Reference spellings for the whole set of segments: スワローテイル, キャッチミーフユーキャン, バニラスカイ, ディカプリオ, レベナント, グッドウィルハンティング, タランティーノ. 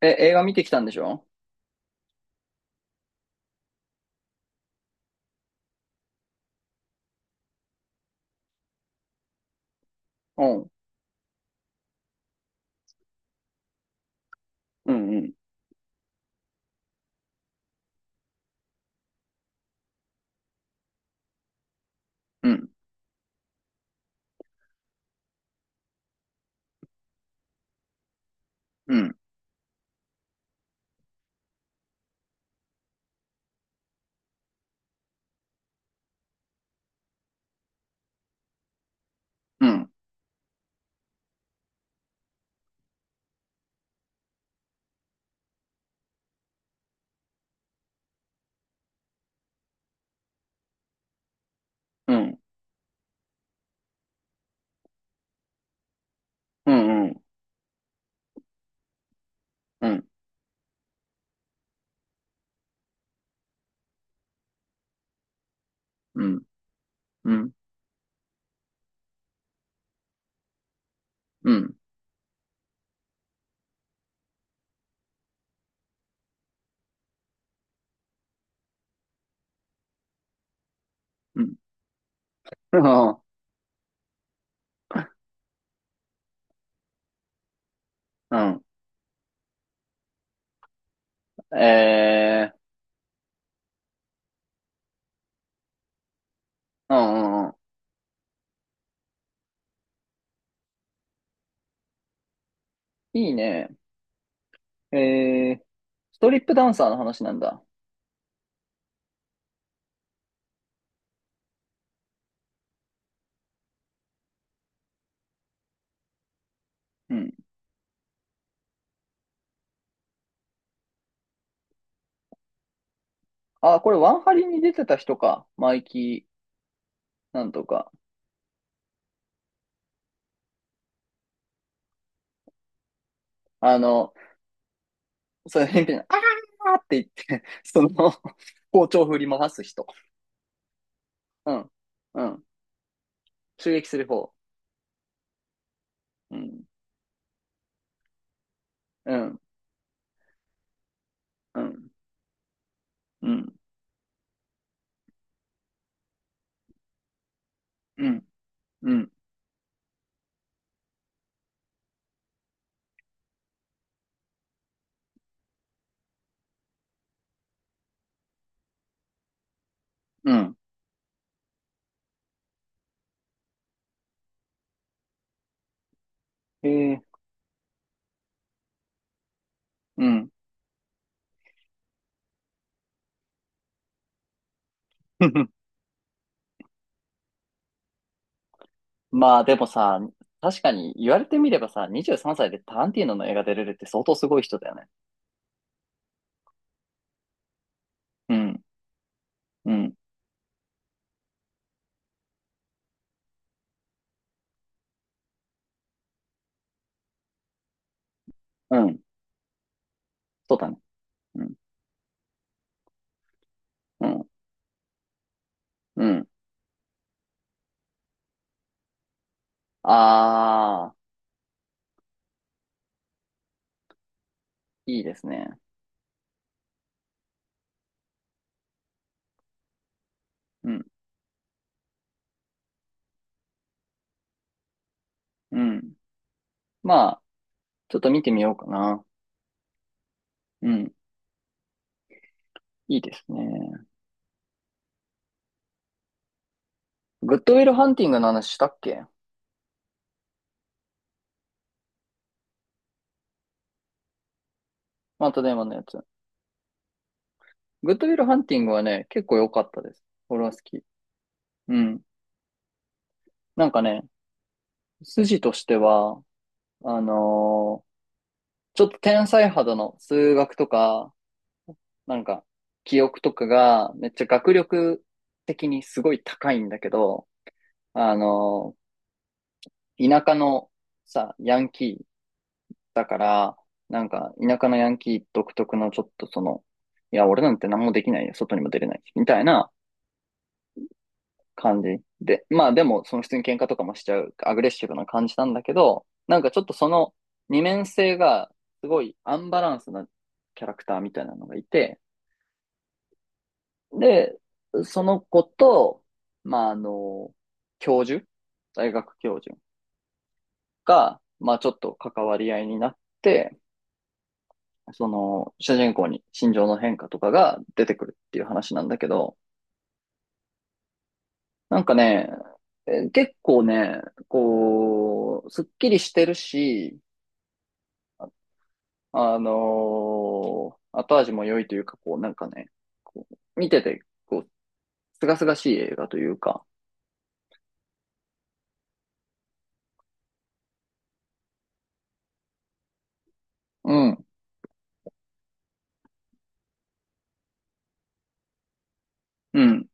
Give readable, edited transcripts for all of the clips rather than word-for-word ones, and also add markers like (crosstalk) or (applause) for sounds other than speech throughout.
え、映画見てきたんでしょ？うん。うん、うん、うん、うん、うん、うん、うん、うん、うん、うん、うん、うん、(laughs) うん、うん、えー、うん、うん、うん。いいね。えー、ストリップダンサーの話なんだ。うん。あ、これワンハリに出てた人か。マイキー、なんとか。あの、そういう変な、あーって言って、(laughs) その、包丁振り回す人。うん、うん。襲撃する方。うん、うん、うん、うん、うん、うん、うん。へえ、うん。(laughs) まあでもさ、確かに言われてみればさ、23歳でタランティーノの映画出れるって相当すごい人だよね。うん、うん、うん。そうだね。うん、うん、うん。あー、いいですね。うん、うん。まあ、ちょっと見てみようかな。うん、いいですね。グッドウィルハンティングの話したっけ？また電話のやつ。グッドウィルハンティングはね、結構良かったです。俺は好き。うん。なんかね、筋としては、あのーちょっと天才肌の数学とか、なんか、記憶とかが、めっちゃ学力的にすごい高いんだけど、あの、田舎のさ、ヤンキーだから、なんか、田舎のヤンキー独特のちょっとその、いや、俺なんて何もできないよ、外にも出れない、みたいな感じで、まあでも、その普通に喧嘩とかもしちゃう、アグレッシブな感じなんだけど、なんかちょっとその二面性が、すごいアンバランスなキャラクターみたいなのがいて、で、その子と、まあ、教授、大学教授が、まあ、ちょっと関わり合いになって、その、主人公に心情の変化とかが出てくるっていう話なんだけど、なんかね、結構ね、こう、すっきりしてるし、あの後味も良いというか、こう、なんかね、こう見てて、こう、すがすがしい映画というか、うん、うん、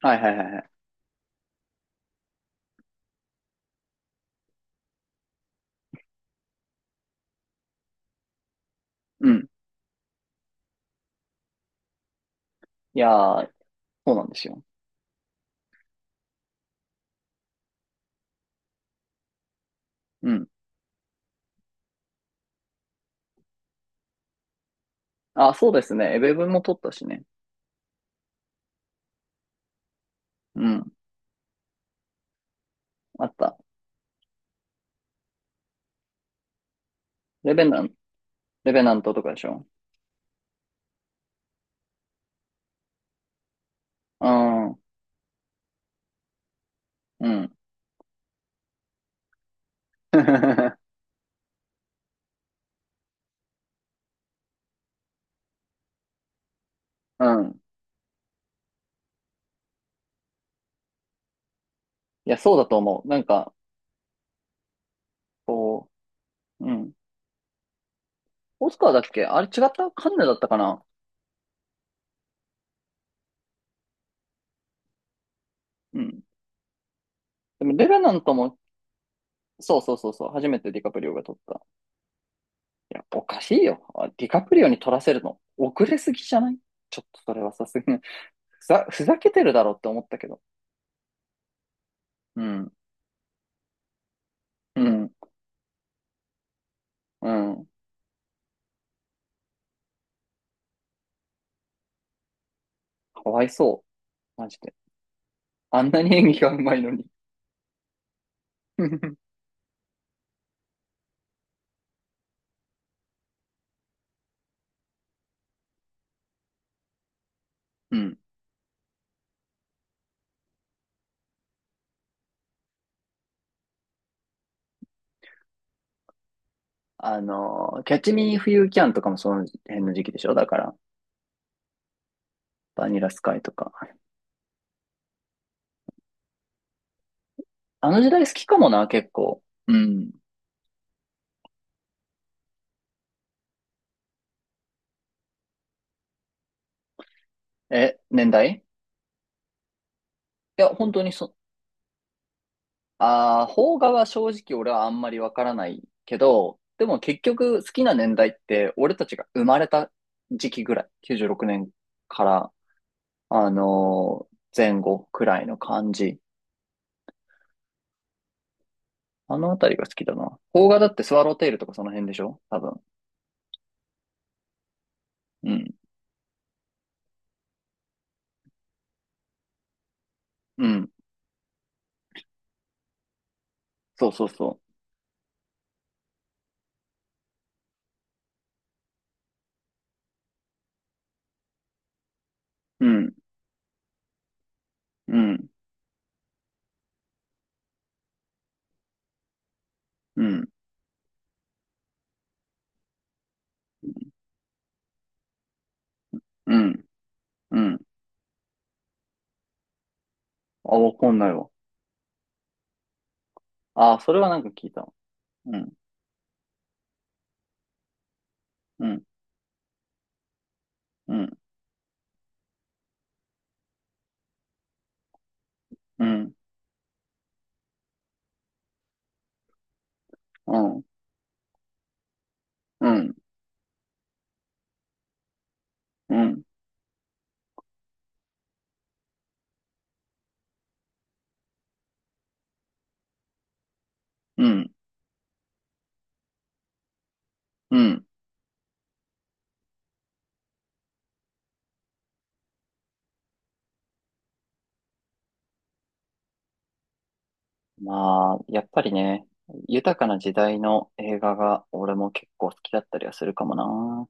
はいはいはいはい、うん。いやー、そうなんですよ。うん。あ、そうですね。エベブも取ったしね。うん。あった。レベナン、レベナントとかでしょ？うん。うん。(laughs) うん。いや、そうだと思う。なんか、こう、うん。オスカーだっけ？あれ違ったカンヌだったかな？うん。でも、レベナントも、そうそうそうそう。初めてディカプリオが取った。いや、おかしいよ。あディカプリオに取らせるの、遅れすぎじゃない？ちょっとそれはさすがにふざけてるだろって思ったけど。うん。うん。うん。かわいそう。マジで。あんなに演技がうまいのに。 (laughs) うん。あの、キャッチミーフユーキャンとかもその辺の時期でしょ？だから、バニラスカイとか。あの時代好きかもな、結構。うん。え、年代？いや、本当に、ああ、邦画は正直俺はあんまりわからないけど、でも結局好きな年代って俺たちが生まれた時期ぐらい、96年から、前後くらいの感じ。あのあたりが好きだな。邦画だってスワローテイルとかその辺でしょ？多分。うん。うん。そうそうそう。うん、うん、うん、うん、うん。あ、わかんないわ。あ、それはなんか聞いた。うん、うん、うん、うん、うん、うん、うん、うん、うん。まあ、やっぱりね、豊かな時代の映画が俺も結構好きだったりはするかもな。